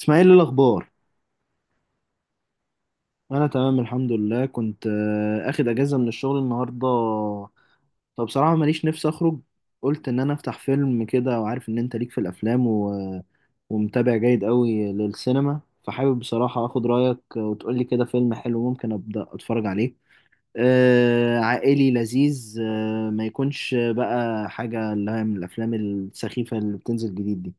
اسماعيل، إيه الاخبار؟ انا تمام، الحمد لله. كنت اخد اجازه من الشغل النهارده. فبصراحه ماليش نفسي اخرج. قلت ان انا افتح فيلم كده، وعارف ان انت ليك في الافلام ومتابع جيد قوي للسينما، فحابب بصراحه اخد رايك وتقولي كده فيلم حلو ممكن ابدا اتفرج عليه. عائلي لذيذ، ما يكونش بقى حاجه اللي هي من الافلام السخيفه اللي بتنزل جديد دي.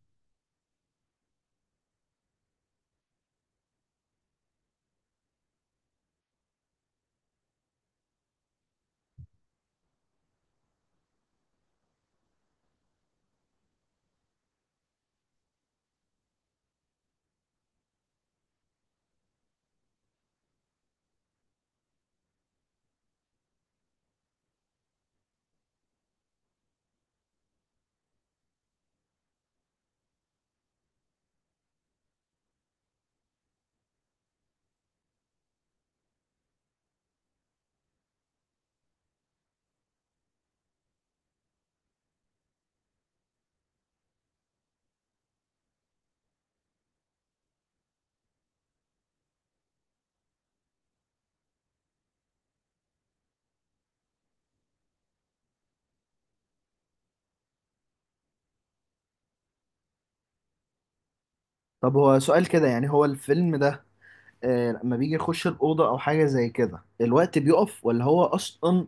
طب هو سؤال كده، يعني هو الفيلم ده لما بيجي يخش الأوضة أو حاجة زي كده، الوقت بيقف ولا هو أصلا؟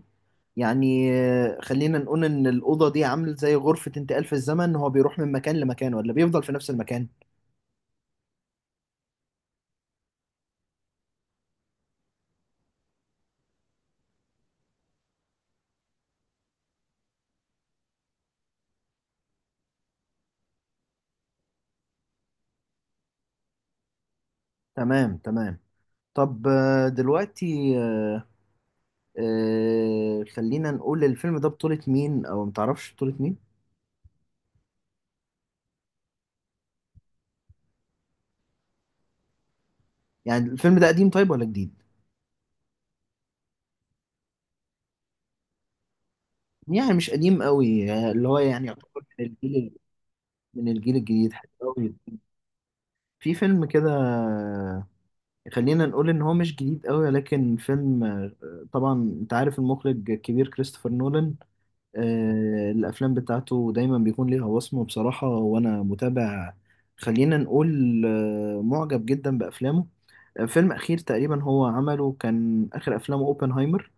يعني خلينا نقول إن الأوضة دي عامل زي غرفة انتقال في الزمن، هو بيروح من مكان لمكان ولا بيفضل في نفس المكان؟ تمام تمام. طب دلوقتي، خلينا نقول الفيلم ده بطولة مين أو متعرفش بطولة مين؟ يعني الفيلم ده قديم طيب ولا جديد؟ يعني مش قديم قوي، اللي هو يعني يعتبر من الجيل. من الجيل الجديد، حلو قوي. في فيلم كده، خلينا نقول ان هو مش جديد قوي، لكن فيلم طبعا انت عارف المخرج الكبير كريستوفر نولان. الافلام بتاعته دايما بيكون ليها وصمة بصراحة، وانا متابع. خلينا نقول معجب جدا بافلامه. فيلم اخير تقريبا هو عمله كان اخر افلامه اوبنهايمر.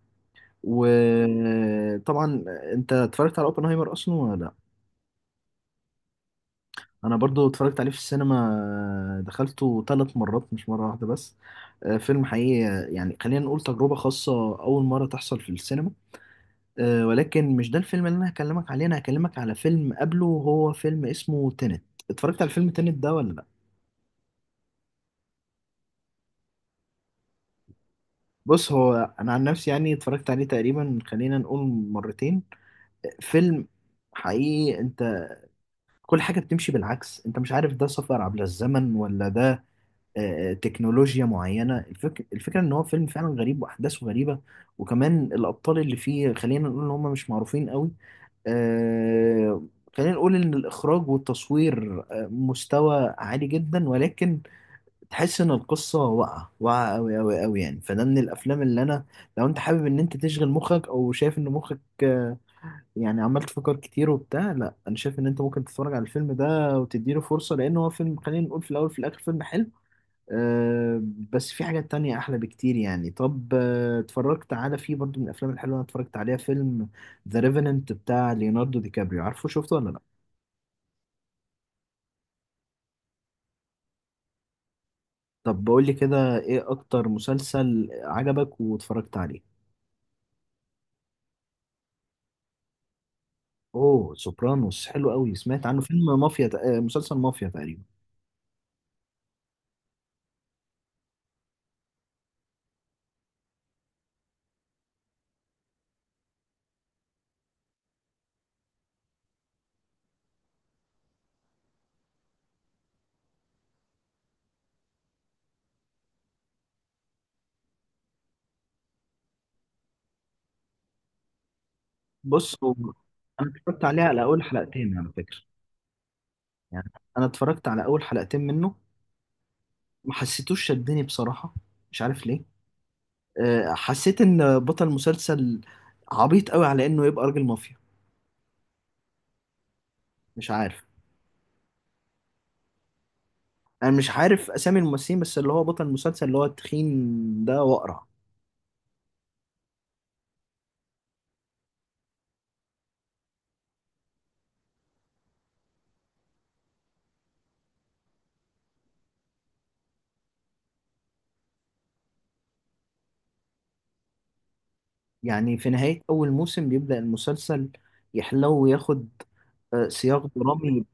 وطبعا انت اتفرجت على اوبنهايمر اصلا ولا؟ انا برضو اتفرجت عليه في السينما، دخلته 3 مرات مش مرة واحدة بس. فيلم حقيقي، يعني خلينا نقول تجربة خاصة اول مرة تحصل في السينما. ولكن مش ده الفيلم اللي انا هكلمك عليه، انا هكلمك على فيلم قبله وهو فيلم اسمه تينت. اتفرجت على فيلم تينت ده ولا لا؟ بص هو، انا عن نفسي يعني اتفرجت عليه تقريبا خلينا نقول مرتين. فيلم حقيقي، انت كل حاجة بتمشي بالعكس، انت مش عارف ده سفر عبر الزمن ولا ده تكنولوجيا معينة. الفكرة ان هو فيلم فعلا غريب واحداثه غريبة. وكمان الابطال اللي فيه، خلينا نقول ان هم مش معروفين قوي. آه، خلينا نقول ان الاخراج والتصوير مستوى عالي جدا، ولكن تحس ان القصة واقعة واقعة قوي قوي قوي، يعني فده من الافلام اللي انا، لو انت حابب ان انت تشغل مخك او شايف ان مخك يعني عمال تفكر كتير وبتاع، لا انا شايف ان انت ممكن تتفرج على الفيلم ده وتديله فرصة، لان هو فيلم، خلينا نقول في الاول في الاخر فيلم حلو. أه بس في حاجات تانية أحلى بكتير. يعني طب اتفرجت على، في برضو من الأفلام الحلوة أنا اتفرجت عليها، فيلم ذا ريفننت بتاع ليوناردو دي كابريو، عارفه؟ شفته ولا لأ؟ طب بقول لي كده إيه أكتر مسلسل عجبك واتفرجت عليه؟ أوه، سوبرانوس حلو قوي، سمعت عنه. فيلم مافيا، مسلسل مافيا تقريبا. بص هو، أنا اتفرجت عليه على أول حلقتين على فكرة. يعني أنا اتفرجت على أول حلقتين منه. ما حسيتوش شدني بصراحة. مش عارف ليه. حسيت ان بطل المسلسل عبيط قوي على انه يبقى راجل مافيا. مش عارف. انا مش عارف اسامي الممثلين، بس اللي هو بطل المسلسل اللي هو التخين ده واقرع. يعني في نهاية اول موسم بيبدأ المسلسل يحلو وياخد سياق درامي.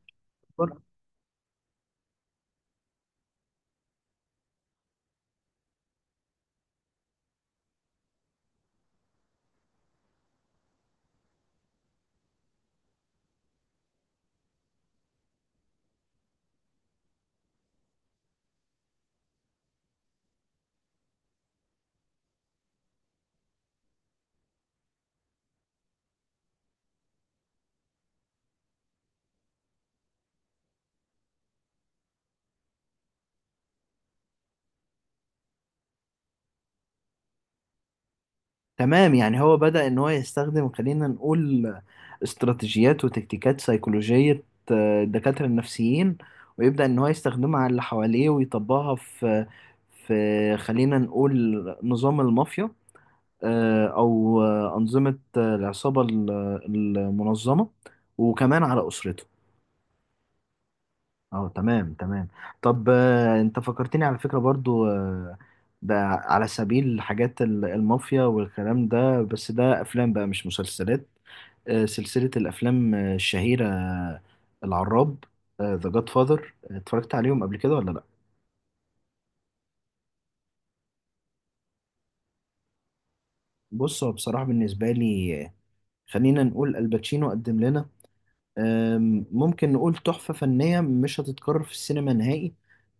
تمام، يعني هو بدأ ان هو يستخدم، خلينا نقول، استراتيجيات وتكتيكات سيكولوجية الدكاترة النفسيين، ويبدأ ان هو يستخدمها على اللي حواليه ويطبقها في خلينا نقول نظام المافيا، او أنظمة العصابة المنظمة، وكمان على أسرته. اه، تمام تمام. طب انت فكرتني على فكرة برضو، ده على سبيل حاجات المافيا والكلام ده، بس ده افلام بقى مش مسلسلات. سلسلة الافلام الشهيرة، العراب، ذا جاد فاذر، اتفرجت عليهم قبل كده ولا لا؟ بص هو بصراحة بالنسبة لي، خلينا نقول الباتشينو قدم لنا، ممكن نقول تحفة فنية مش هتتكرر في السينما نهائي.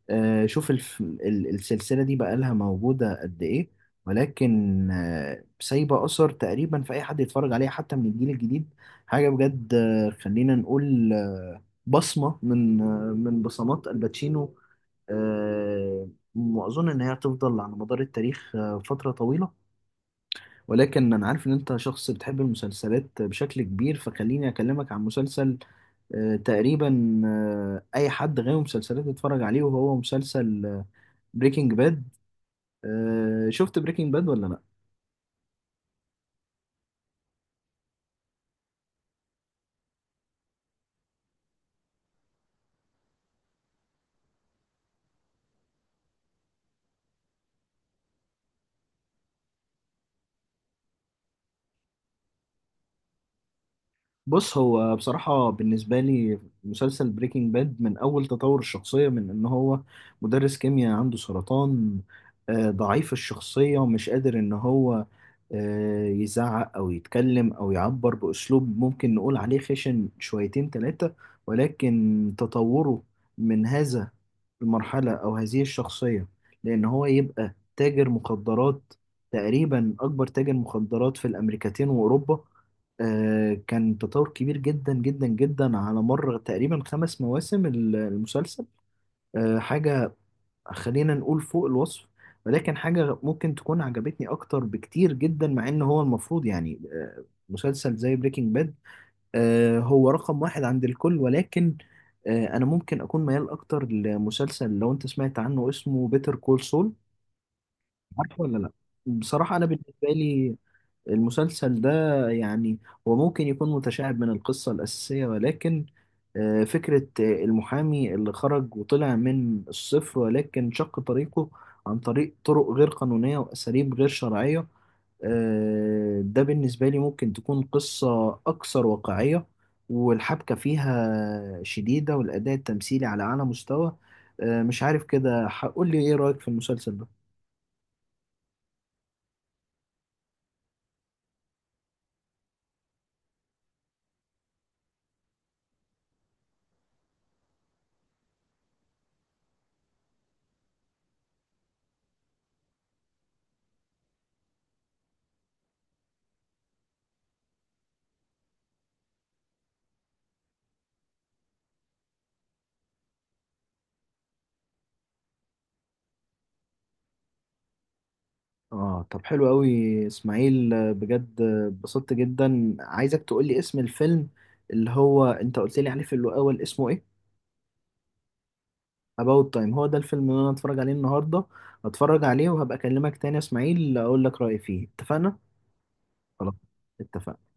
شوف السلسلة دي بقالها موجودة قد إيه، ولكن سايبة أثر تقريبا في أي حد يتفرج عليها حتى من الجيل الجديد. حاجة بجد، خلينا نقول بصمة من بصمات الباتشينو، آه، وأظن إن هي هتفضل على مدار التاريخ فترة طويلة. ولكن أنا عارف إن أنت شخص بتحب المسلسلات بشكل كبير، فخليني أكلمك عن مسلسل تقريبا اي حد غاوي مسلسلات يتفرج عليه، وهو مسلسل بريكنج باد. شفت بريكنج باد ولا لا؟ بص هو بصراحة بالنسبة لي، مسلسل بريكنج باد من أول تطور الشخصية، من إن هو مدرس كيمياء عنده سرطان، ضعيف الشخصية ومش قادر إن هو يزعق أو يتكلم أو يعبر بأسلوب ممكن نقول عليه خشن شويتين تلاتة، ولكن تطوره من هذا المرحلة أو هذه الشخصية لأن هو يبقى تاجر مخدرات، تقريبا أكبر تاجر مخدرات في الأمريكتين وأوروبا. كان تطور كبير جدا جدا جدا على مر تقريبا 5 مواسم المسلسل. حاجة خلينا نقول فوق الوصف. ولكن حاجة ممكن تكون عجبتني أكتر بكتير جدا، مع إن هو المفروض يعني مسلسل زي بريكنج باد هو رقم واحد عند الكل، ولكن أنا ممكن أكون ميال أكتر لمسلسل، لو أنت سمعت عنه، اسمه بيتر كول سول. عارفه ولا لأ؟ بصراحة أنا بالنسبة لي، المسلسل ده يعني هو ممكن يكون متشعب من القصة الأساسية، ولكن فكرة المحامي اللي خرج وطلع من الصفر، ولكن شق طريقه عن طريق طرق غير قانونية وأساليب غير شرعية. ده بالنسبة لي ممكن تكون قصة أكثر واقعية، والحبكة فيها شديدة، والأداء التمثيلي على أعلى مستوى. مش عارف، كده هقول لي إيه رأيك في المسلسل ده؟ اه، طب حلو قوي. اسماعيل، بجد اتبسطت جدا. عايزك تقول لي اسم الفيلم اللي هو انت قلت لي عليه في الاول، اسمه ايه؟ About Time، هو ده الفيلم اللي انا هتفرج عليه النهارده. هتفرج عليه وهبقى اكلمك تاني يا اسماعيل، اقول لك رأيي فيه. اتفقنا؟ خلاص، اتفقنا.